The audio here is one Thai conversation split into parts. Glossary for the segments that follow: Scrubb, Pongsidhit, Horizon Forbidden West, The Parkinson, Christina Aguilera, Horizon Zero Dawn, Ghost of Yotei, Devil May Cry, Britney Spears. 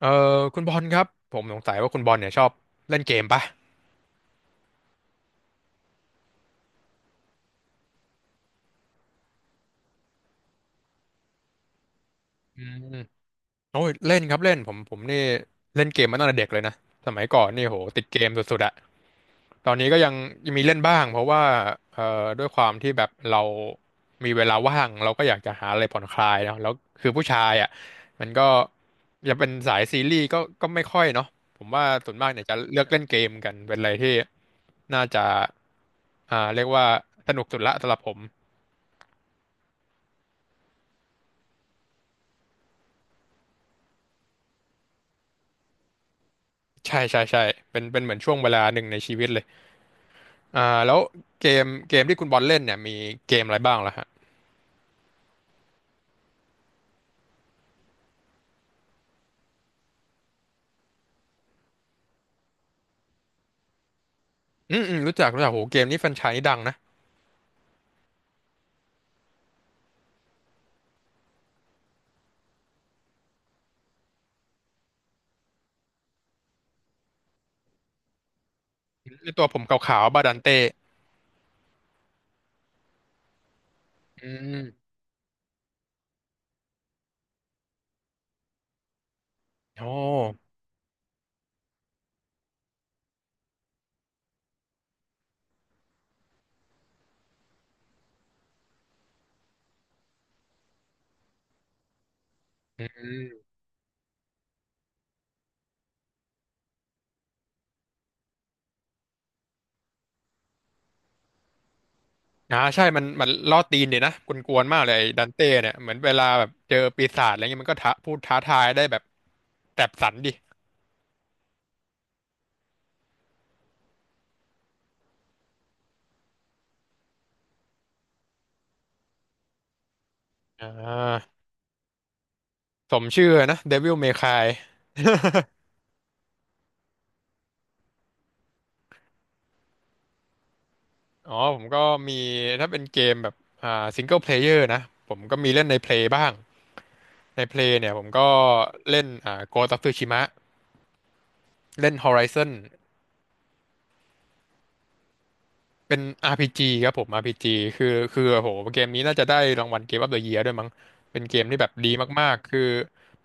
เออคุณบอลครับผมสงสัยว่าคุณบอลเนี่ยชอบเล่นเกมปะอืมโอ้ยเล่นครับเล่นผมนี่เล่นเกมมาตั้งแต่เด็กเลยนะสมัยก่อนนี่โหติดเกมสุดๆอะตอนนี้ก็ยังยังมีเล่นบ้างเพราะว่าเอ่อด้วยความที่แบบเรามีเวลาว่างเราก็อยากจะหาอะไรผ่อนคลายเนาะแล้วคือผู้ชายอะมันก็จะเป็นสายซีรีส์ก็ไม่ค่อยเนาะผมว่าส่วนมากเนี่ยจะเลือกเล่นเกมกันเป็นอะไรที่น่าจะเรียกว่าสนุกสุดละสำหรับผม ใช่ใช่ใช่เป็นเหมือนช่วงเวลาหนึ่งในชีวิตเลยอ่าแล้วเกมที่คุณบอลเล่นเนี่ยมีเกมอะไรบ้างล่ะฮะอืมอืมรู้จักรู้จักโหเกมนี้แฟรนไชส์นี้ดังนะในตัวผมขาวๆบาดันเต้อืมโอ้อืมอ่าใช่มันล่อตีนดีนะกวนๆมากเลยไอ้ดันเต้เนี่ยเหมือนเวลาแบบเจอปีศาจอะไรเงี้ยมันก็ท้าพูดท้าทายได้แบบแสบสันดิ อ่าสมชื่อนะ Devil May Cry อ๋อผมก็มีถ้าเป็นเกมแบบอ่าซิงเกิลเพลเยอร์นะผมก็มีเล่นในเพลยบ้าง ในเพลงเนี่ยผมก็เล่นอ่าโกะตับฟูชิมะเล่นฮอริซอน เป็น RPG ครับผม RPG คือคือโหเกมนี้น่าจะได้รางวัลเกม of the Year ดอะเยียร์ด้วยมั้งเป็นเกมที่แบบดีมากๆคือ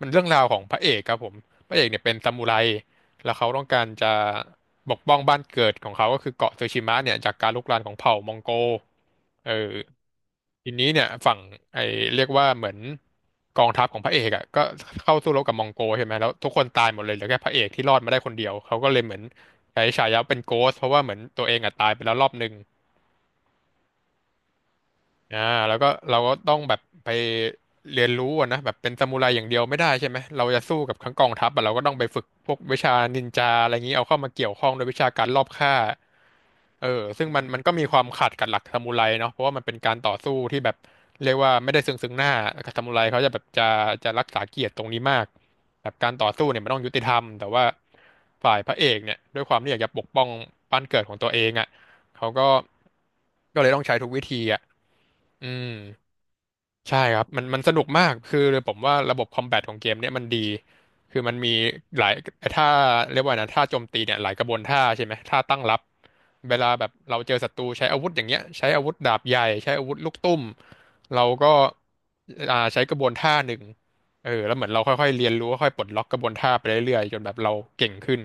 มันเรื่องราวของพระเอกครับผมพระเอกเนี่ยเป็นซามูไรแล้วเขาต้องการจะปกป้องบ้านเกิดของเขาก็คือเกาะซูชิมะเนี่ยจากการรุกรานของเผ่ามองโกเออทีนี้เนี่ยฝั่งไอเรียกว่าเหมือนกองทัพของพระเอกอ่ะก็เข้าสู้รบกับมองโกใช่ไหมแล้วทุกคนตายหมดเลยเหลือแค่พระเอกที่รอดมาได้คนเดียวเขาก็เลยเหมือนใช้ฉายาเป็นโกสต์เพราะว่าเหมือนตัวเองอ่ะตายไปแล้วรอบหนึ่ง อ่าแล้วก็เราก็ต้องแบบไปเรียนรู้อะนะแบบเป็นซามูไรอย่างเดียวไม่ได้ใช่ไหมเราจะสู้กับทั้งกองทัพอะเราก็ต้องไปฝึกพวกวิชานินจาอะไรอย่างนี้เอาเข้ามาเกี่ยวข้องโดวยวิชาการลอบฆ่าเออซึ่งมันก็มีความขัดกับหลักซามูไรเนาะเพราะว่ามันเป็นการต่อสู้ที่แบบเรียกว่าไม่ได้ซึ่งหน้าซามูไรเขาจะแบบจะจะรักษาเกียรติตรงนี้มากแบบการต่อสู้เนี่ยมันต้องยุติธรรมแต่ว่าฝ่ายพระเอกเนี่ยด้วยความที่อยากจะปกป้องบ้านเกิดของตัวเองอ่ะเขาก็เลยต้องใช้ทุกวิธีอ่ะ อืมใช่ครับมันสนุกมากคือผมว่าระบบคอมแบทของเกมเนี่ยมันดีคือมันมีหลายท่าเรียกว่านะท่าโจมตีเนี่ยหลายกระบวนท่าใช่ไหมท่าตั้งรับเวลาแบบเราเจอศัตรูใช้อาวุธอย่างเงี้ยใช้อาวุธดาบใหญ่ใช้อาวุธลูกตุ้มเราก็อ่าใช้กระบวนท่าหนึ่งเออแล้วเหมือนเราค่อยๆเรียนรู้ค่อยๆปลดล็อกกระบวนท่าไปเรื่อยๆจนแบบเราเก่งขึ้น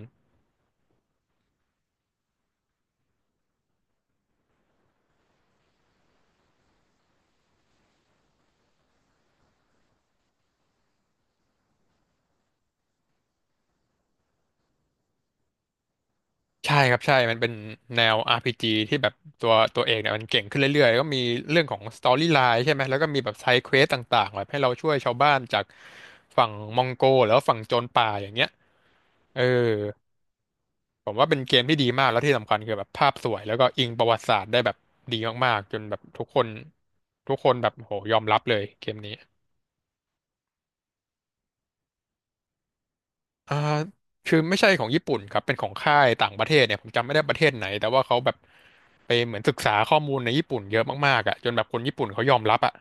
ใช่ครับใช่มันเป็นแนว RPG ที่แบบตัวเอกเนี่ยมันเก่งขึ้นเรื่อยๆแล้วก็มีเรื่องของสตอรี่ไลน์ใช่ไหมแล้วก็มีแบบไซด์เควสต่างๆแบบให้เราช่วยชาวบ้านจากฝั่งมองโกแล้วาฝั่งโจรป่าอย่างเงี้ยเออผมว่าเป็นเกมที่ดีมากแล้วที่สำคัญคือแบบภาพสวยแล้วก็อิงประวัติศาสตร์ได้แบบดีมากๆจนแบบทุกคนทุกคนแบบโหยอมรับเลยเกมนี้ อ่าคือไม่ใช่ของญี่ปุ่นครับเป็นของค่ายต่างประเทศเนี่ยผมจำไม่ได้ประเทศไหนแต่ว่าเขาแบบไปเหมือนศึกษาข้อมูลในญี่ปุ่นเยอะมากๆอ่ะจนแบบคนญี่ปุ่นเขายอมรับอ่ะ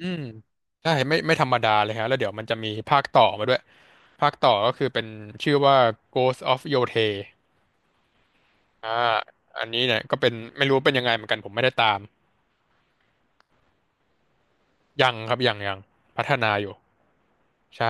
อืมใช่ไม่ไม่ธรรมดาเลยฮะแล้วเดี๋ยวมันจะมีภาคต่อมาด้วยภาคต่อก็คือเป็นชื่อว่า Ghost of Yotei อ่าอันนี้เนี่ยก็เป็นไม่รู้เป็นยังไงเหมือนกันผมไม่ได้ตามยังครับยังยังพัฒนาอยู่ใช่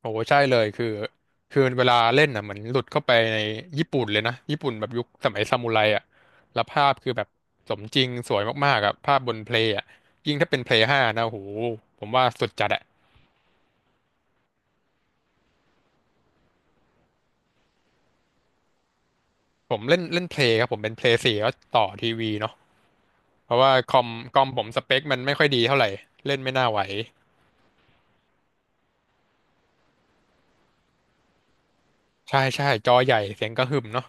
โอ้ใช่เลยคือเวลาเล่นอ่ะเหมือนหลุดเข้าไปในญี่ปุ่นเลยนะญี่ปุ่นแบบยุคสมัยซามูไรอ่ะแล้วภาพคือแบบสมจริงสวยมากๆอ่ะภาพบนเพลย์อ่ะยิ่งถ้าเป็นเพลย์ห้านะโอ้โหผมว่าสุดจัดอ่ะผมเล่นเล่นเพลย์ครับผมเป็นเพลย์สี่แล้วต่อทีวีเนาะเพราะว่าคอมผมสเปคมันไม่ค่อยดีเท่าไหร่เล่นไม่น่าไหวใช่ใช่จอใหญ่เสียงกระหึ่มเนาะ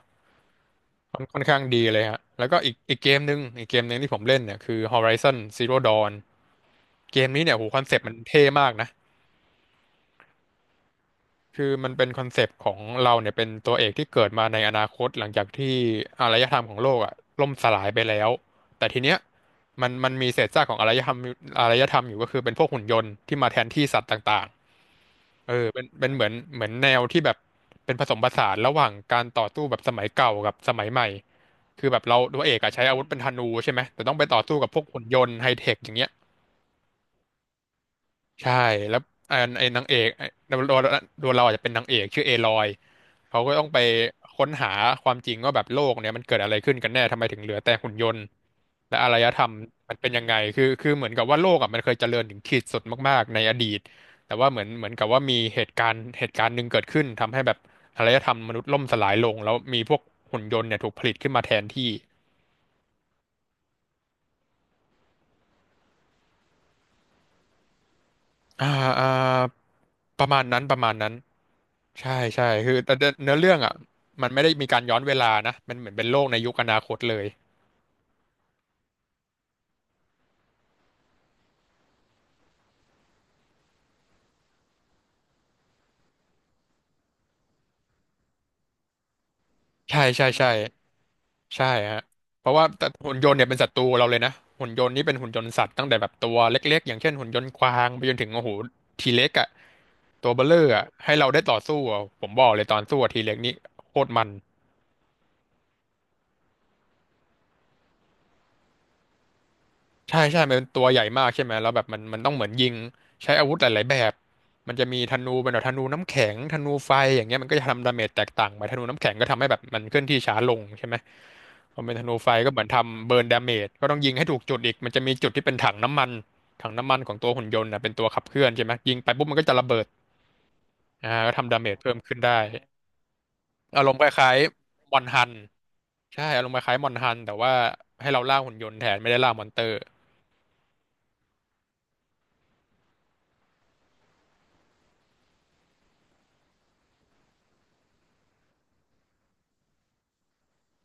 ค่อนข้างดีเลยฮะแล้วก็อีกอีกเกมหนึ่งอีกเกมหนึ่งที่ผมเล่นเนี่ยคือ Horizon Zero Dawn เกมนี้เนี่ยโหคอนเซปต์มันเท่มากนะ คือมันเป็นคอนเซปต์ของเราเนี่ยเป็นตัวเอกที่เกิดมาในอนาคตหลังจากที่อารยธรรมของโลกอ่ะล่มสลายไปแล้วแต่ทีเนี้ยมันมีเศษซากของอารยธรรมอยู่ก็คือเป็นพวกหุ่นยนต์ที่มาแทนที่สัตว์ต่างๆเป็นเหมือนแนวที่แบบเป็นผสมผสานระหว่างการต่อสู้แบบสมัยเก่ากับสมัยใหม่คือแบบเราตัวเอกอะใช้อาวุธเป็นธนูใช่ไหมแต่ต้องไปต่อสู้กับพวกหุ่นยนต์ไฮเทคอย่างเงี้ย ใช่แล้วไอ้นางเอกไอ้ตัวเราอาจจะเป็นนางเอกชื่อเอลอยเขาก็ต้องไปค้นหาความจริงว่าแบบโลกเนี่ยมันเกิดอะไรขึ้นกันแน่ทำไมถึงเหลือแต่หุ่นยนต์และอารยธรรมมันเป็นยังไงคือเหมือนกับว่าโลกอ่ะมันเคยเจริญถึงขีดสุดมากๆในอดีตแต่ว่าเหมือนกับว่ามีเหตุการณ์หนึ่งเกิดขึ้นทำให้แบบอารยธรรมมนุษย์ล่มสลายลงแล้วมีพวกหุ่นยนต์เนี่ยถูกผลิตขึ้นมาแทนที่ อ่าอ่าประมาณนั้นประมาณนั้นใช่ใช่คือแต่เนื้อเรื่องอ่ะมันไม่ได้มีการย้อนเวลานะมันเหมือนเป็นโลกในยุคอนาคตเลยใช่ใช่ใช่ใช่ฮะเพราะว่าแต่หุ่นยนต์เนี่ยเป็นศัตรูเราเลยนะหุ่นยนต์นี่เป็นหุ่นยนต์สัตว์ตั้งแต่แบบตัวเล็กๆอย่างเช่นหุ่นยนต์กวางไปจนถึงโอ้โหทีเล็กอ่ะตัวเบลเลอร์อ่ะให้เราได้ต่อสู้อะผมบอกเลยตอนสู้ทีเล็กนี่โคตรมัน ใช่ใช่มันเป็นตัวใหญ่มากใช่ไหมแล้วแบบมันต้องเหมือนยิงใช้อาวุธหลายๆแบบมันจะมีธนูเป็นแบบธนูน้ำแข็งธนูไฟอย่างเงี้ยมันก็จะทำดาเมจแตกต่างไปธนูน้ำแข็งก็ทำให้แบบมันเคลื่อนที่ช้าลงใช่ไหมพอเป็นธนูไฟก็เหมือนทำเบิร์นดาเมจก็ต้องยิงให้ถูกจุดอีกมันจะมีจุดที่เป็นถังน้ำมันของตัวหุ่นยนต์นะเป็นตัวขับเคลื่อนใช่ไหมยิงไปปุ๊บมันก็จะระเบิดก็ทำดาเมจเพิ่มขึ้นได้อารมณ์คล้ายๆมอนฮันใช่อารมณ์คล้ายๆมอนฮันแต่ว่าให้เราล่าหุ่นยนต์แทนไม่ได้ล่ามอนเตอร์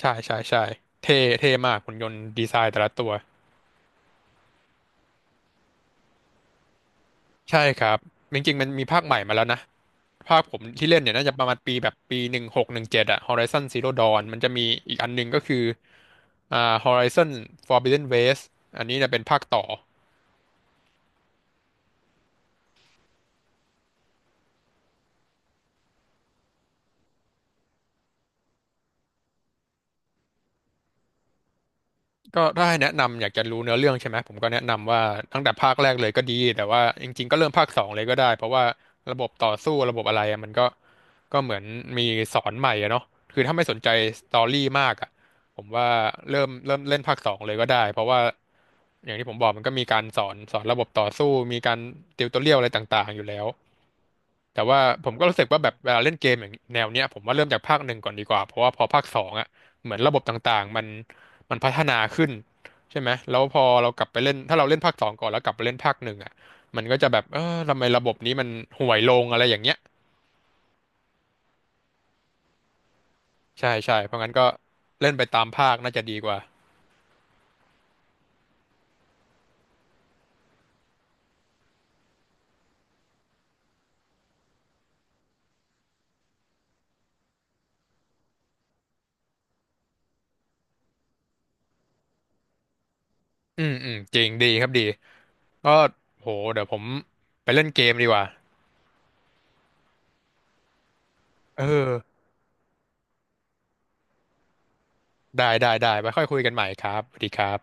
ใช่ใช่ใช่เท่เท่มากหุ่นยนต์ดีไซน์แต่ละตัวใช่ครับจริงๆมันมีภาคใหม่มาแล้วนะภาคผมที่เล่นเนี่ยน่าจะประมาณปีแบบปีหนึ่งหกหนึ่งเจ็ดอะ Horizon Zero Dawn มันจะมีอีกอันหนึงก็คืออ่า Horizon Forbidden West อันนี้เนี่ยเป็นภาคต่อ ก็ถ้าให้แนะนำอยากจะรู้เนื้อเรื่องใช่ไหมผมก็แนะนำว่าตั้งแต่ภาคแรกเลยก็ดีแต่ว่าจริงๆก็เริ่มภาคสองเลยก็ได้เพราะว่าระบบต่อสู้ระบบอะไรอะมันก็ก็เหมือนมีสอนใหม่อะเนาะคือถ้าไม่สนใจสตอรี่มากอะผมว่าเริ่มเล่นภาคสองเลยก็ได้เพราะว่าอย่างที่ผมบอกมันก็มีการสอนระบบต่อสู้มีการติวตัวเรียวอะไรต่างๆอยู่แล้ว แต่ว่าผมก็รู้สึกว่าแบบเวลาเล่นเกมอย่างแนวเนี้ยผมว่าเริ่มจากภาคหนึ่งก่อนดีกว่าเพราะว่าพอภาคสองอ่ะเหมือนระบบต่างๆมันพัฒนาขึ้นใช่ไหมแล้วพอเรากลับไปเล่นถ้าเราเล่นภาคสองก่อนแล้วกลับไปเล่นภาคหนึ่งอ่ะมันก็จะแบบเออทำไมระบบนี้มันห่วยลงอะไรอย่างเงี้ยใช่ใช่เพราะงั้นก็เล่นไปตามภาคน่าจะดีกว่าอืมอืมจริงดีครับดีก็โหเดี๋ยวผมไปเล่นเกมดีกว่าเออได้ได้ได้ไปค่อยคุยกันใหม่ครับสวัสดีครับ